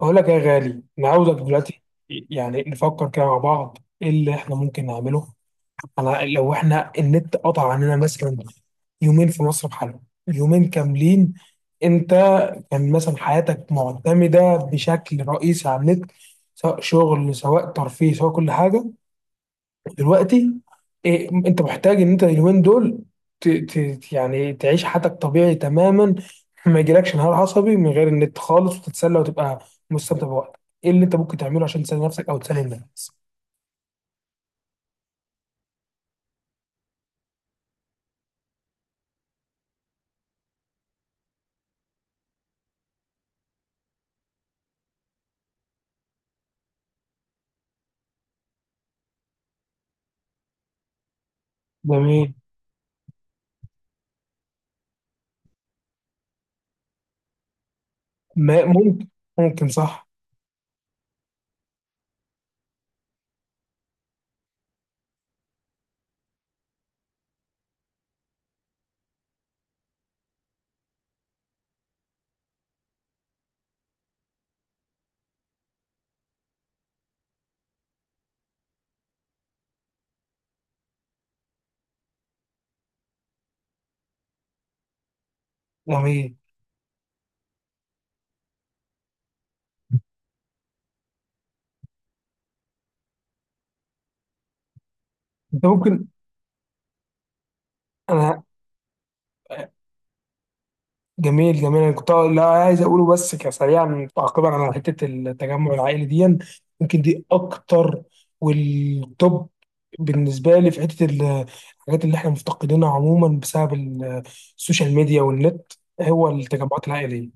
أقول لك يا غالي، أنا عاوزك دلوقتي. يعني نفكر كده مع بعض إيه اللي إحنا ممكن نعمله. أنا لو إحنا النت قطع عننا مثلا يومين في مصر بحالهم، يومين كاملين. أنت كان مثلا حياتك معتمدة بشكل رئيسي على النت، سواء شغل سواء ترفيه سواء كل حاجة. دلوقتي إيه انت محتاج ان انت اليومين دول يعني تعيش حياتك طبيعي تماما، ما يجيلكش انهيار عصبي من غير النت خالص، وتتسلى وتبقى مستمتع بوقتك. ايه اللي انت ممكن تعمله عشان تسلي نفسك او تسلي الناس؟ جميل. ما ممكن، ممكن صح. جميل. انت ممكن. انا. جميل جميل. انا كنت لا عايز اقوله بس كسريعا، تعقيبا على حته التجمع العائلي دي، يمكن دي اكتر والتوب بالنسبه لي في الحاجات اللي احنا مفتقدينها عموما بسبب السوشيال ميديا والنت، هو التجمعات العائليه.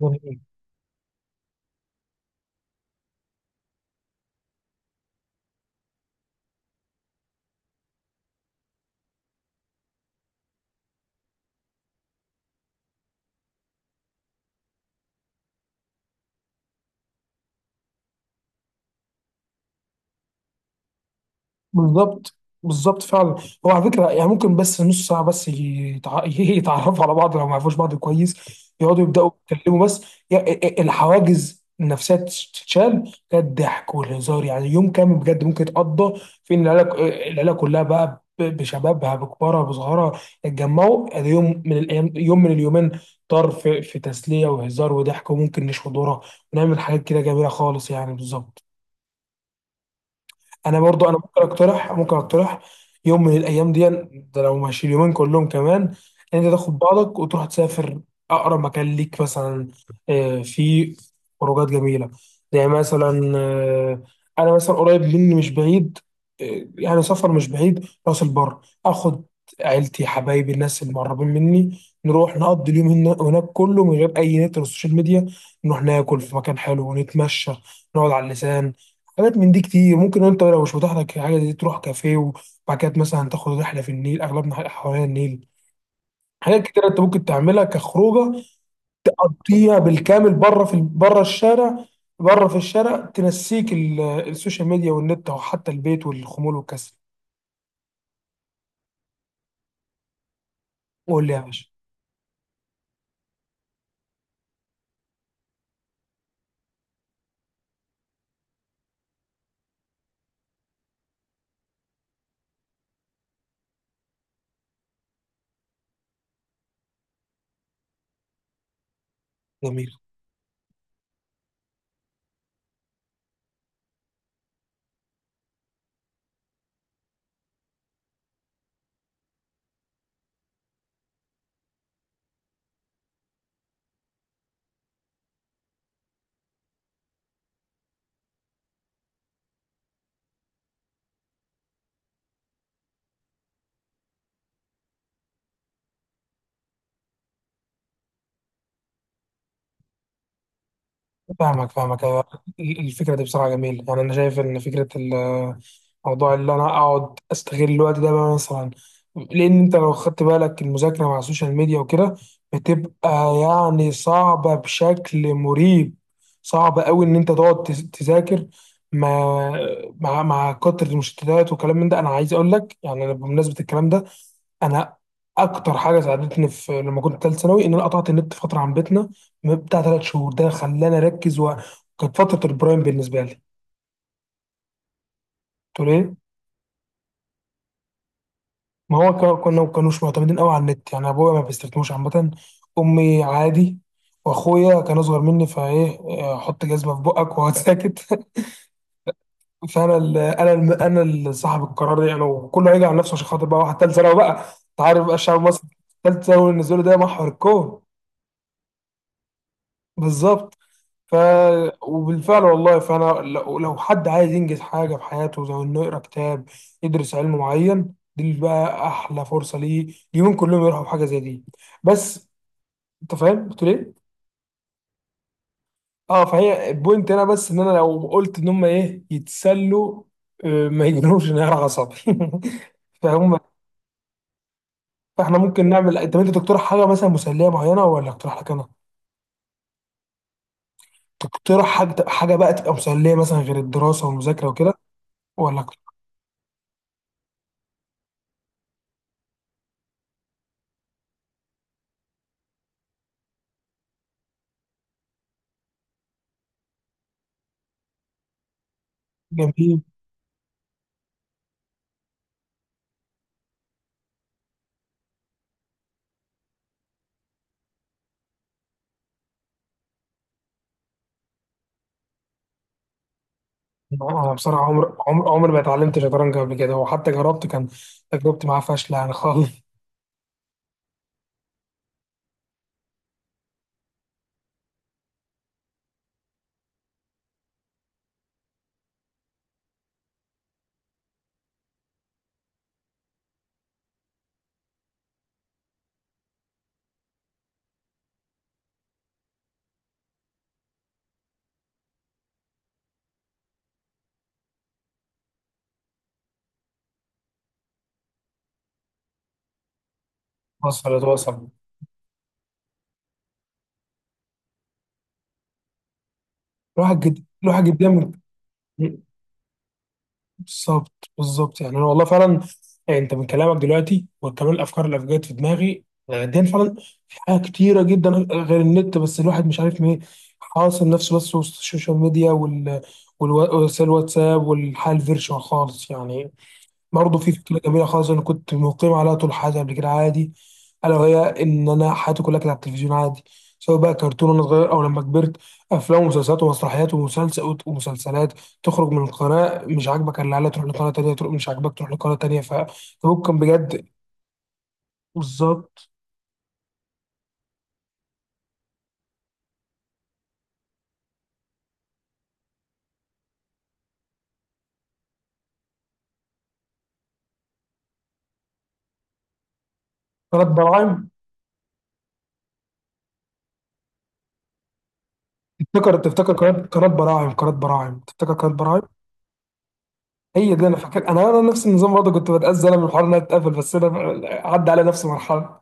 للاسف. بالظبط، بالظبط فعلا. هو على فكره يعني ممكن بس نص ساعه بس يتعرفوا على بعض لو ما يعرفوش بعض كويس، يقعدوا يبداوا يتكلموا بس. يعني الحواجز النفسيه تتشال، ده الضحك والهزار يعني. يوم كامل بجد ممكن يتقضى في ان العيله كلها بقى بشبابها بكبارها بصغارها، يتجمعوا. ادي يوم من الايام، يوم من اليومين، طار في تسليه وهزار وضحك، وممكن نشوي ذره ونعمل حاجات كده جميله خالص يعني. بالظبط. انا برضو ممكن اقترح يوم من الايام دي، ده لو ماشي اليومين كلهم كمان، ان انت تاخد بعضك وتروح تسافر اقرب مكان ليك. مثلا في خروجات جميله، زي مثلا، انا مثلا قريب مني مش بعيد، يعني سفر مش بعيد، راس البر. اخد عيلتي، حبايبي، الناس المقربين مني، نروح نقضي اليوم هناك كله من غير اي نت ولا سوشيال ميديا. نروح ناكل في مكان حلو ونتمشى، نقعد على اللسان. حاجات من دي كتير. ممكن انت لو مش متاح لك حاجه دي، تروح كافيه، وبعد كده مثلا تاخد رحله في النيل، اغلبنا حوالين النيل. حاجات كتير انت ممكن تعملها كخروجه، تقضيها بالكامل بره، في بره الشارع. بره في الشارع تنسيك السوشيال ميديا والنت، او حتى البيت والخمول والكسل. قول لي يا باشا. جميل. فاهمك، فاهمك، أيوة. الفكرة دي بصراحة جميلة. يعني أنا شايف إن فكرة موضوع اللي أنا أقعد أستغل الوقت ده بقى مثلا. لأن أنت لو خدت بالك، المذاكرة مع السوشيال ميديا وكده بتبقى يعني صعبة بشكل مريب. صعب أوي إن أنت تقعد تذاكر مع مع كتر المشتتات وكلام من ده. أنا عايز أقول لك يعني، أنا بمناسبة الكلام ده، انا اكتر حاجه ساعدتني في لما كنت ثالث ثانوي، ان انا قطعت النت فتره عن بيتنا بتاع ثلاث شهور. ده خلاني اركز، وكانت فتره البرايم بالنسبه لي. تقول ايه؟ ما هو كنا ما كانوش معتمدين قوي على النت يعني. ابويا ما بيستخدموش عامه، امي عادي، واخويا كان اصغر مني. فايه حط جزمه في بقك واقعد ساكت. فانا ال انا ال انا اللي صاحب القرار يعني، وكله هيجي على نفسه عشان خاطر بقى واحد ثالث ثانوي بقى. انت عارف بقى الشعب المصري، ثالث ثانوي بالنسبه له ده محور الكون. بالظبط. ف. وبالفعل والله. فانا لو حد عايز ينجز حاجه في حياته، زي انه يقرا كتاب يدرس علم معين، دي بقى احلى فرصه ليه، ليهم كلهم يروحوا بحاجه زي دي. بس انت فاهم قلت ليه. اه. فهي البوينت هنا بس ان انا لو قلت ان هم ايه يتسلوا، ما يجنوش انهيار عصبي. فهم. فاحنا ممكن نعمل، انت تقترح حاجه مثلا مسليه معينه، ولا اقترح لك انا. تقترح حاجه بقى، تبقى مسليه مثلا غير الدراسه والمذاكره وكده ولا. جميل. انا بصراحه عمر ما اتعلمت شطرنج قبل كده، وحتى جربت كان تجربتي معاه فاشله يعني خالص. وصلت، وصل. الواحد جد، الواحد جدا. بالظبط، بالظبط. يعني انا والله فعلا، يعني انت من كلامك دلوقتي وكمان الافكار اللي جت في دماغي دي، فعلا في حاجات كتيره جدا غير النت، بس الواحد مش عارف مين حاصر نفسه بس وسط السوشيال ميديا وسائل الواتساب والحياه الفيرتشوال خالص يعني. برضه في فكرة جميلة خالص، أنا كنت مقيم عليها طول حياتي قبل كده عادي، ألا وهي إن أنا حياتي كلها كانت على التلفزيون عادي. سواء بقى كرتون وأنا صغير، أو لما كبرت، أفلام ومسلسلات ومسرحيات ومسلسل ومسلسلات، تخرج من القناة مش عاجبك اللي عليها تروح لقناة تانية، تروح مش عاجبك تروح لقناة تانية. فممكن بجد. بالظبط. قناة براعم. تفتكر قناة براعم، قناة براعم تفتكر قناة براعم. هي دي. أنا فاكر، أنا نفس النظام برضه، كنت بتأذى أنا من الحوار إنها تتقفل، بس أنا عدى على نفس المرحلة.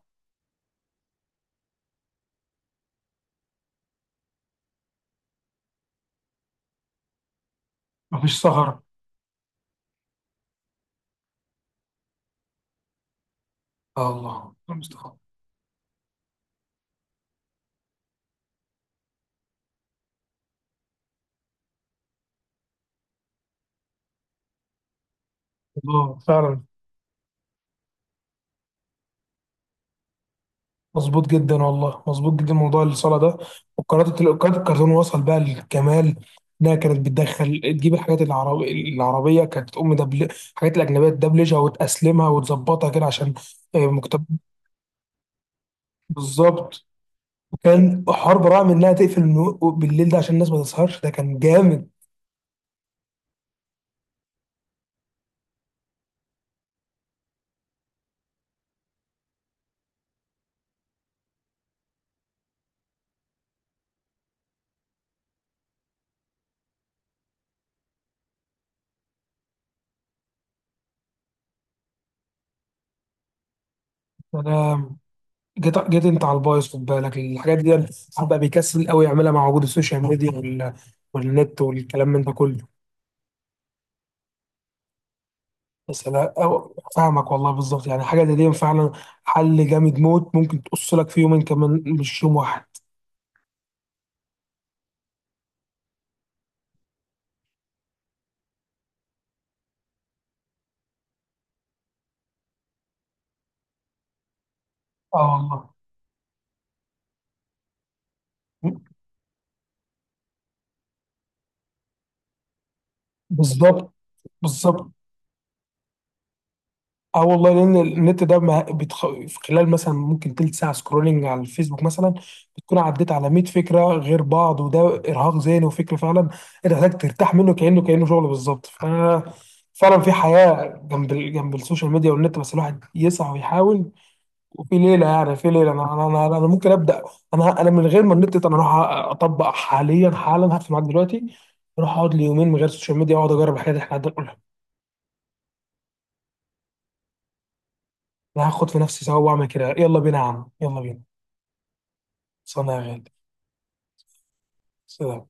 مفيش سهر. آه، الله المستعان. الله فعلا. مظبوط جدا والله، مظبوط جدا موضوع الصلاه ده. وقناه قناه الكرتون وصل بقى للكمال. انها كانت بتدخل تجيب الحاجات العربيه، كانت تقوم دبل الحاجات الاجنبيه تدبلجها وتاسلمها وتظبطها كده عشان مكتب. بالظبط. وكان حوار براعم انها تقفل بالليل ده عشان الناس ما تسهرش. ده كان جامد. انا جيت انت على البايظ. خد بالك الحاجات دي الواحد بقى بيكسل قوي يعملها مع وجود السوشيال ميديا والنت والكلام من ده كله. بس انا أو فاهمك والله. بالظبط يعني حاجه زي دي فعلا حل جامد موت، ممكن تقص لك في يومين كمان مش يوم واحد. اه والله. بالظبط، بالظبط. اه والله، لان النت ده ما بتخ... في خلال مثلا ممكن تلت ساعه سكرولنج على الفيسبوك مثلا، بتكون عديت على 100 فكره غير بعض، وده ارهاق ذهني وفكر فعلا. انت محتاج ترتاح منه، كانه شغل بالظبط. ف، فعلا في حياه جنب جنب السوشيال ميديا والنت، بس الواحد يسعى ويحاول. في ليله، يعني في ليله أنا ممكن ابدا. انا من غير ما النت انا اروح اطبق حاليا، حالا هقفل معاك دلوقتي، اروح اقعد لي يومين من غير السوشيال ميديا، واقعد اجرب الحاجات اللي احنا قاعدين نقولها. انا هاخد في نفسي سوا واعمل كده. يلا بينا يا عم، يلا بينا. صنع يا غالي. سلام.